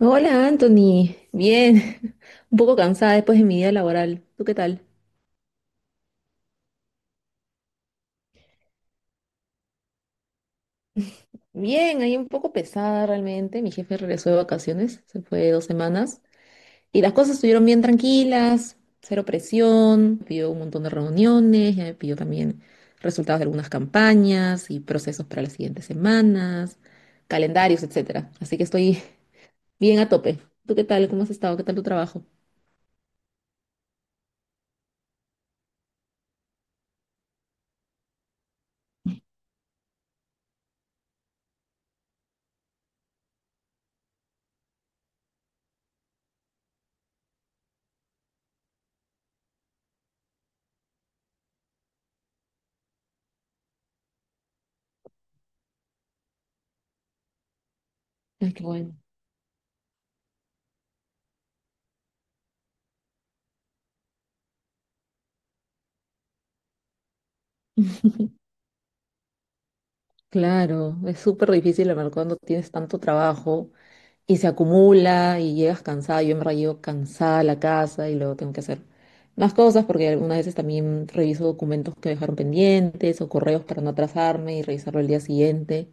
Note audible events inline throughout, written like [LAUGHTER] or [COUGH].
Hola Anthony, bien, [LAUGHS] un poco cansada después de mi día laboral. ¿Tú qué tal? Bien, ahí un poco pesada realmente. Mi jefe regresó de vacaciones, se fue dos semanas y las cosas estuvieron bien tranquilas, cero presión, pidió un montón de reuniones, ya me pidió también resultados de algunas campañas y procesos para las siguientes semanas, calendarios, etcétera. Así que estoy bien a tope. ¿Tú qué tal? ¿Cómo has estado? ¿Qué tal tu trabajo? Ay, qué bueno. Claro, es súper difícil, la verdad, cuando tienes tanto trabajo y se acumula y llegas cansada. Yo en verdad llego cansada a la casa y luego tengo que hacer más cosas porque algunas veces también reviso documentos que me dejaron pendientes o correos para no atrasarme y revisarlo el día siguiente.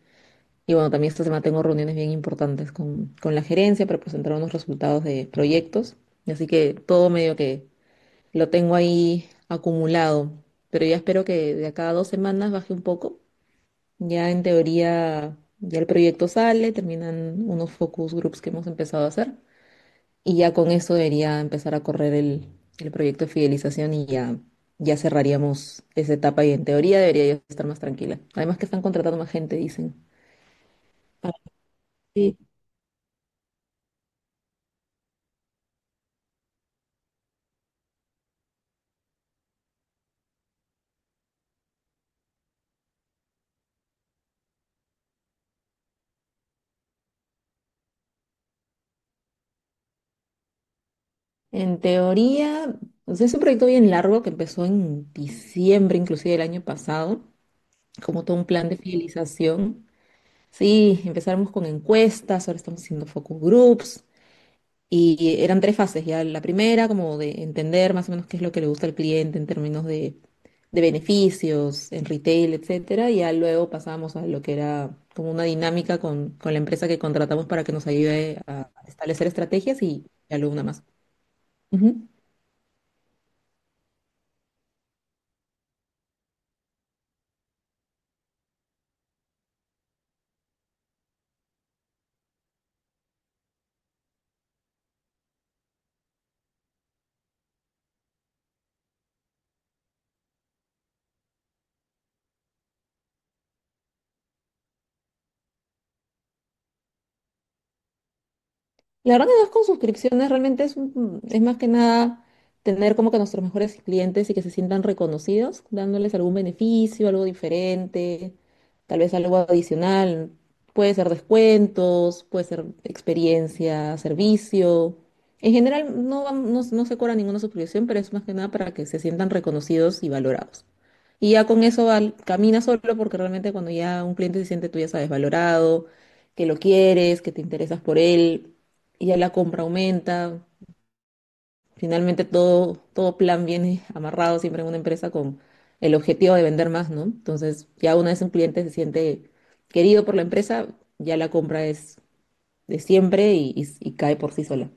Y bueno, también esta semana tengo reuniones bien importantes con la gerencia para presentar unos resultados de proyectos. Así que todo medio que lo tengo ahí acumulado. Pero ya espero que de acá a dos semanas baje un poco. Ya en teoría, ya el proyecto sale, terminan unos focus groups que hemos empezado a hacer. Y ya con eso debería empezar a correr el proyecto de fidelización y ya cerraríamos esa etapa y en teoría debería ya estar más tranquila. Además que están contratando más gente, dicen. Ah, sí, en teoría, o sea, es un proyecto bien largo que empezó en diciembre, inclusive el año pasado, como todo un plan de fidelización. Sí, empezamos con encuestas, ahora estamos haciendo focus groups. Y eran tres fases, ya la primera como de entender más o menos qué es lo que le gusta al cliente en términos de beneficios, en retail, etcétera, y ya luego pasamos a lo que era como una dinámica con la empresa que contratamos para que nos ayude a establecer estrategias y ya luego una más. Ujú. La verdad que no es con suscripciones, realmente es más que nada tener como que nuestros mejores clientes y que se sientan reconocidos, dándoles algún beneficio, algo diferente, tal vez algo adicional. Puede ser descuentos, puede ser experiencia, servicio. En general no, no se cobra ninguna suscripción, pero es más que nada para que se sientan reconocidos y valorados. Y ya con eso camina solo porque realmente cuando ya un cliente se siente, tú ya sabes, valorado, que lo quieres, que te interesas por él y ya la compra aumenta. Finalmente todo plan viene amarrado siempre en una empresa con el objetivo de vender más, ¿no? Entonces, ya una vez un cliente se siente querido por la empresa, ya la compra es de siempre y cae por sí sola.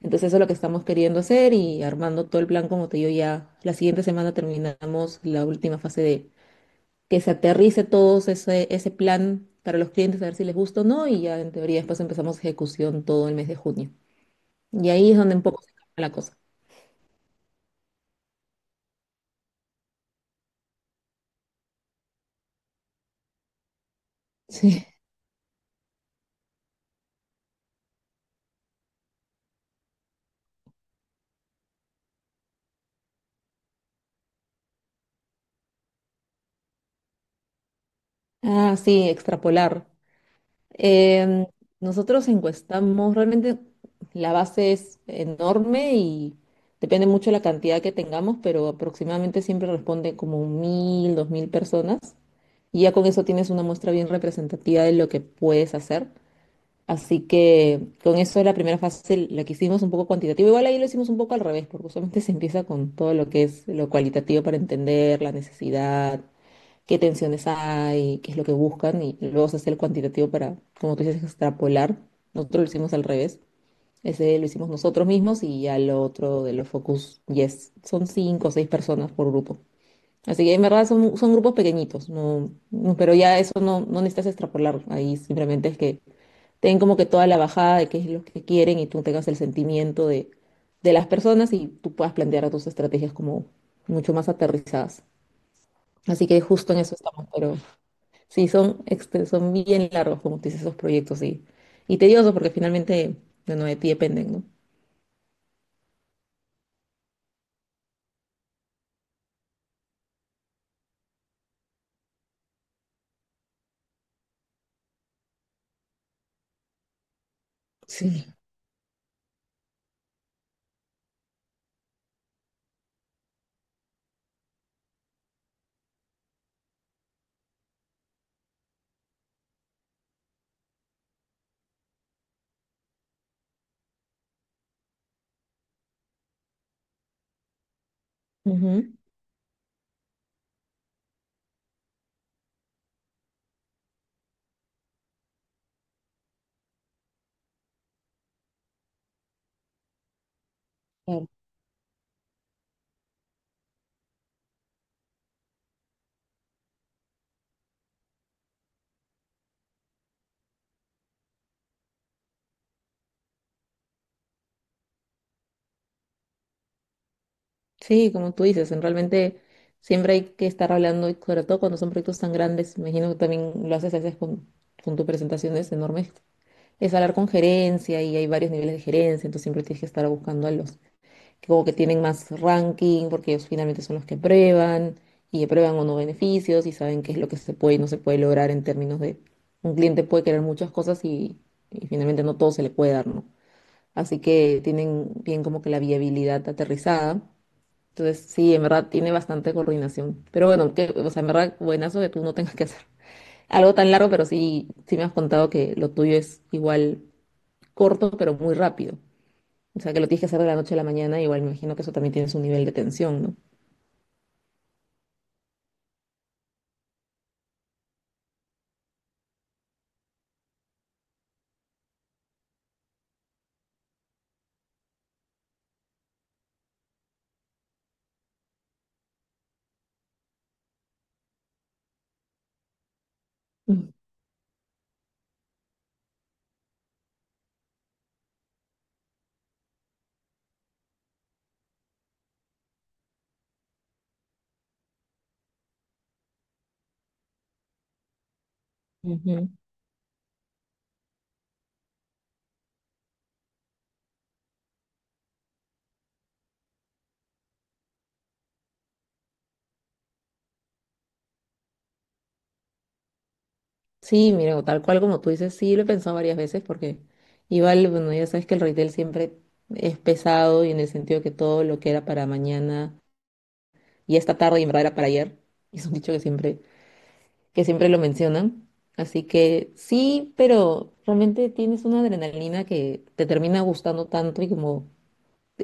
Entonces, eso es lo que estamos queriendo hacer y armando todo el plan, como te digo, ya la siguiente semana terminamos la última fase de que se aterrice todo ese plan para los clientes, a ver si les gusta o no, y ya en teoría después empezamos ejecución todo el mes de junio. Y ahí es donde un poco se cambia la cosa. Sí. Ah, sí, extrapolar. Em, nosotros encuestamos, realmente la base es enorme y depende mucho de la cantidad que tengamos, pero aproximadamente siempre responde como mil, dos mil personas. Y ya con eso tienes una muestra bien representativa de lo que puedes hacer. Así que con eso la primera fase la que hicimos un poco cuantitativa. Igual ahí lo hicimos un poco al revés, porque usualmente se empieza con todo lo que es lo cualitativo para entender la necesidad, qué tensiones hay, qué es lo que buscan, y luego se hace el cuantitativo para, como tú dices, extrapolar. Nosotros lo hicimos al revés. Ese lo hicimos nosotros mismos y ya lo otro de los focus yes. Son cinco o seis personas por grupo. Así que en verdad son, grupos pequeñitos, no, no, pero ya eso no necesitas extrapolar. Ahí simplemente es que ten como que toda la bajada de qué es lo que quieren y tú tengas el sentimiento de las personas y tú puedas plantear tus estrategias como mucho más aterrizadas. Así que justo en eso estamos, pero sí, son, son bien largos, como tú dices, esos proyectos y tediosos porque finalmente, bueno, de ti dependen, ¿no? Sí. Ujú. Sí, como tú dices, en realmente siempre hay que estar hablando, y sobre todo cuando son proyectos tan grandes, me imagino que también lo haces a veces con tus presentaciones enormes, es hablar con gerencia y hay varios niveles de gerencia, entonces siempre tienes que estar buscando a los que como que tienen más ranking, porque ellos finalmente son los que prueban y aprueban o no beneficios y saben qué es lo que se puede y no se puede lograr en términos de un cliente puede querer muchas cosas y finalmente no todo se le puede dar, ¿no? Así que tienen bien como que la viabilidad aterrizada, entonces, sí, en verdad tiene bastante coordinación. Pero bueno, que, o sea, en verdad, buenazo que tú no tengas que hacer algo tan largo, pero sí, sí me has contado que lo tuyo es igual corto, pero muy rápido. O sea, que lo tienes que hacer de la noche a la mañana, igual me imagino que eso también tiene su nivel de tensión, ¿no? Mm, ujú. Sí, mira, o tal cual como tú dices, sí lo he pensado varias veces porque igual, bueno, ya sabes que el retail siempre es pesado y en el sentido que todo lo que era para mañana y esta tarde y en verdad era para ayer, es un dicho que siempre lo mencionan. Así que sí, pero realmente tienes una adrenalina que te termina gustando tanto y como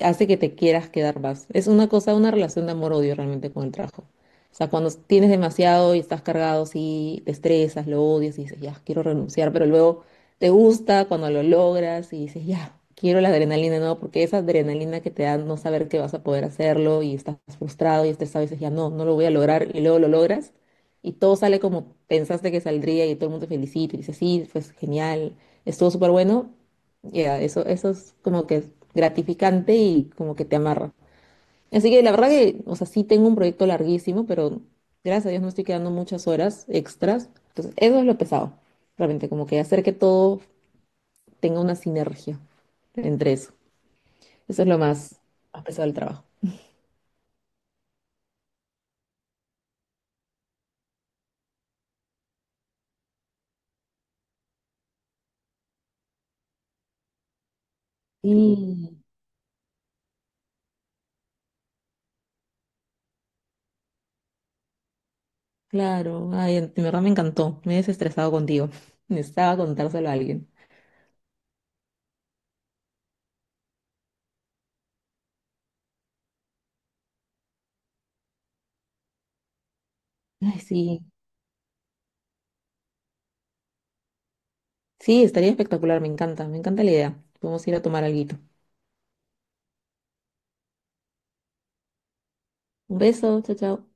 hace que te quieras quedar más. Es una cosa, una relación de amor-odio realmente con el trabajo. O sea, cuando tienes demasiado y estás cargado, sí, te estresas, lo odias y dices, ya, quiero renunciar, pero luego te gusta cuando lo logras y dices, ya, quiero la adrenalina, no, porque esa adrenalina que te da no saber que vas a poder hacerlo y estás frustrado y estresado y dices, ya, no, no lo voy a lograr y luego lo logras y todo sale como pensaste que saldría y todo el mundo te felicita y dices, sí, pues genial, estuvo súper bueno, ya, eso es como que gratificante y como que te amarra. Así que la verdad que, o sea, sí tengo un proyecto larguísimo, pero gracias a Dios no estoy quedando muchas horas extras. Entonces, eso es lo pesado, realmente, como que hacer que todo tenga una sinergia entre eso. Eso es lo más, pesado del trabajo. Sí, claro, ay, en verdad me encantó, me he desestresado contigo. [LAUGHS] Necesitaba contárselo a alguien. Ay, sí, sí, estaría espectacular, me encanta la idea. Podemos ir a tomar alguito. Un beso, chao, chao.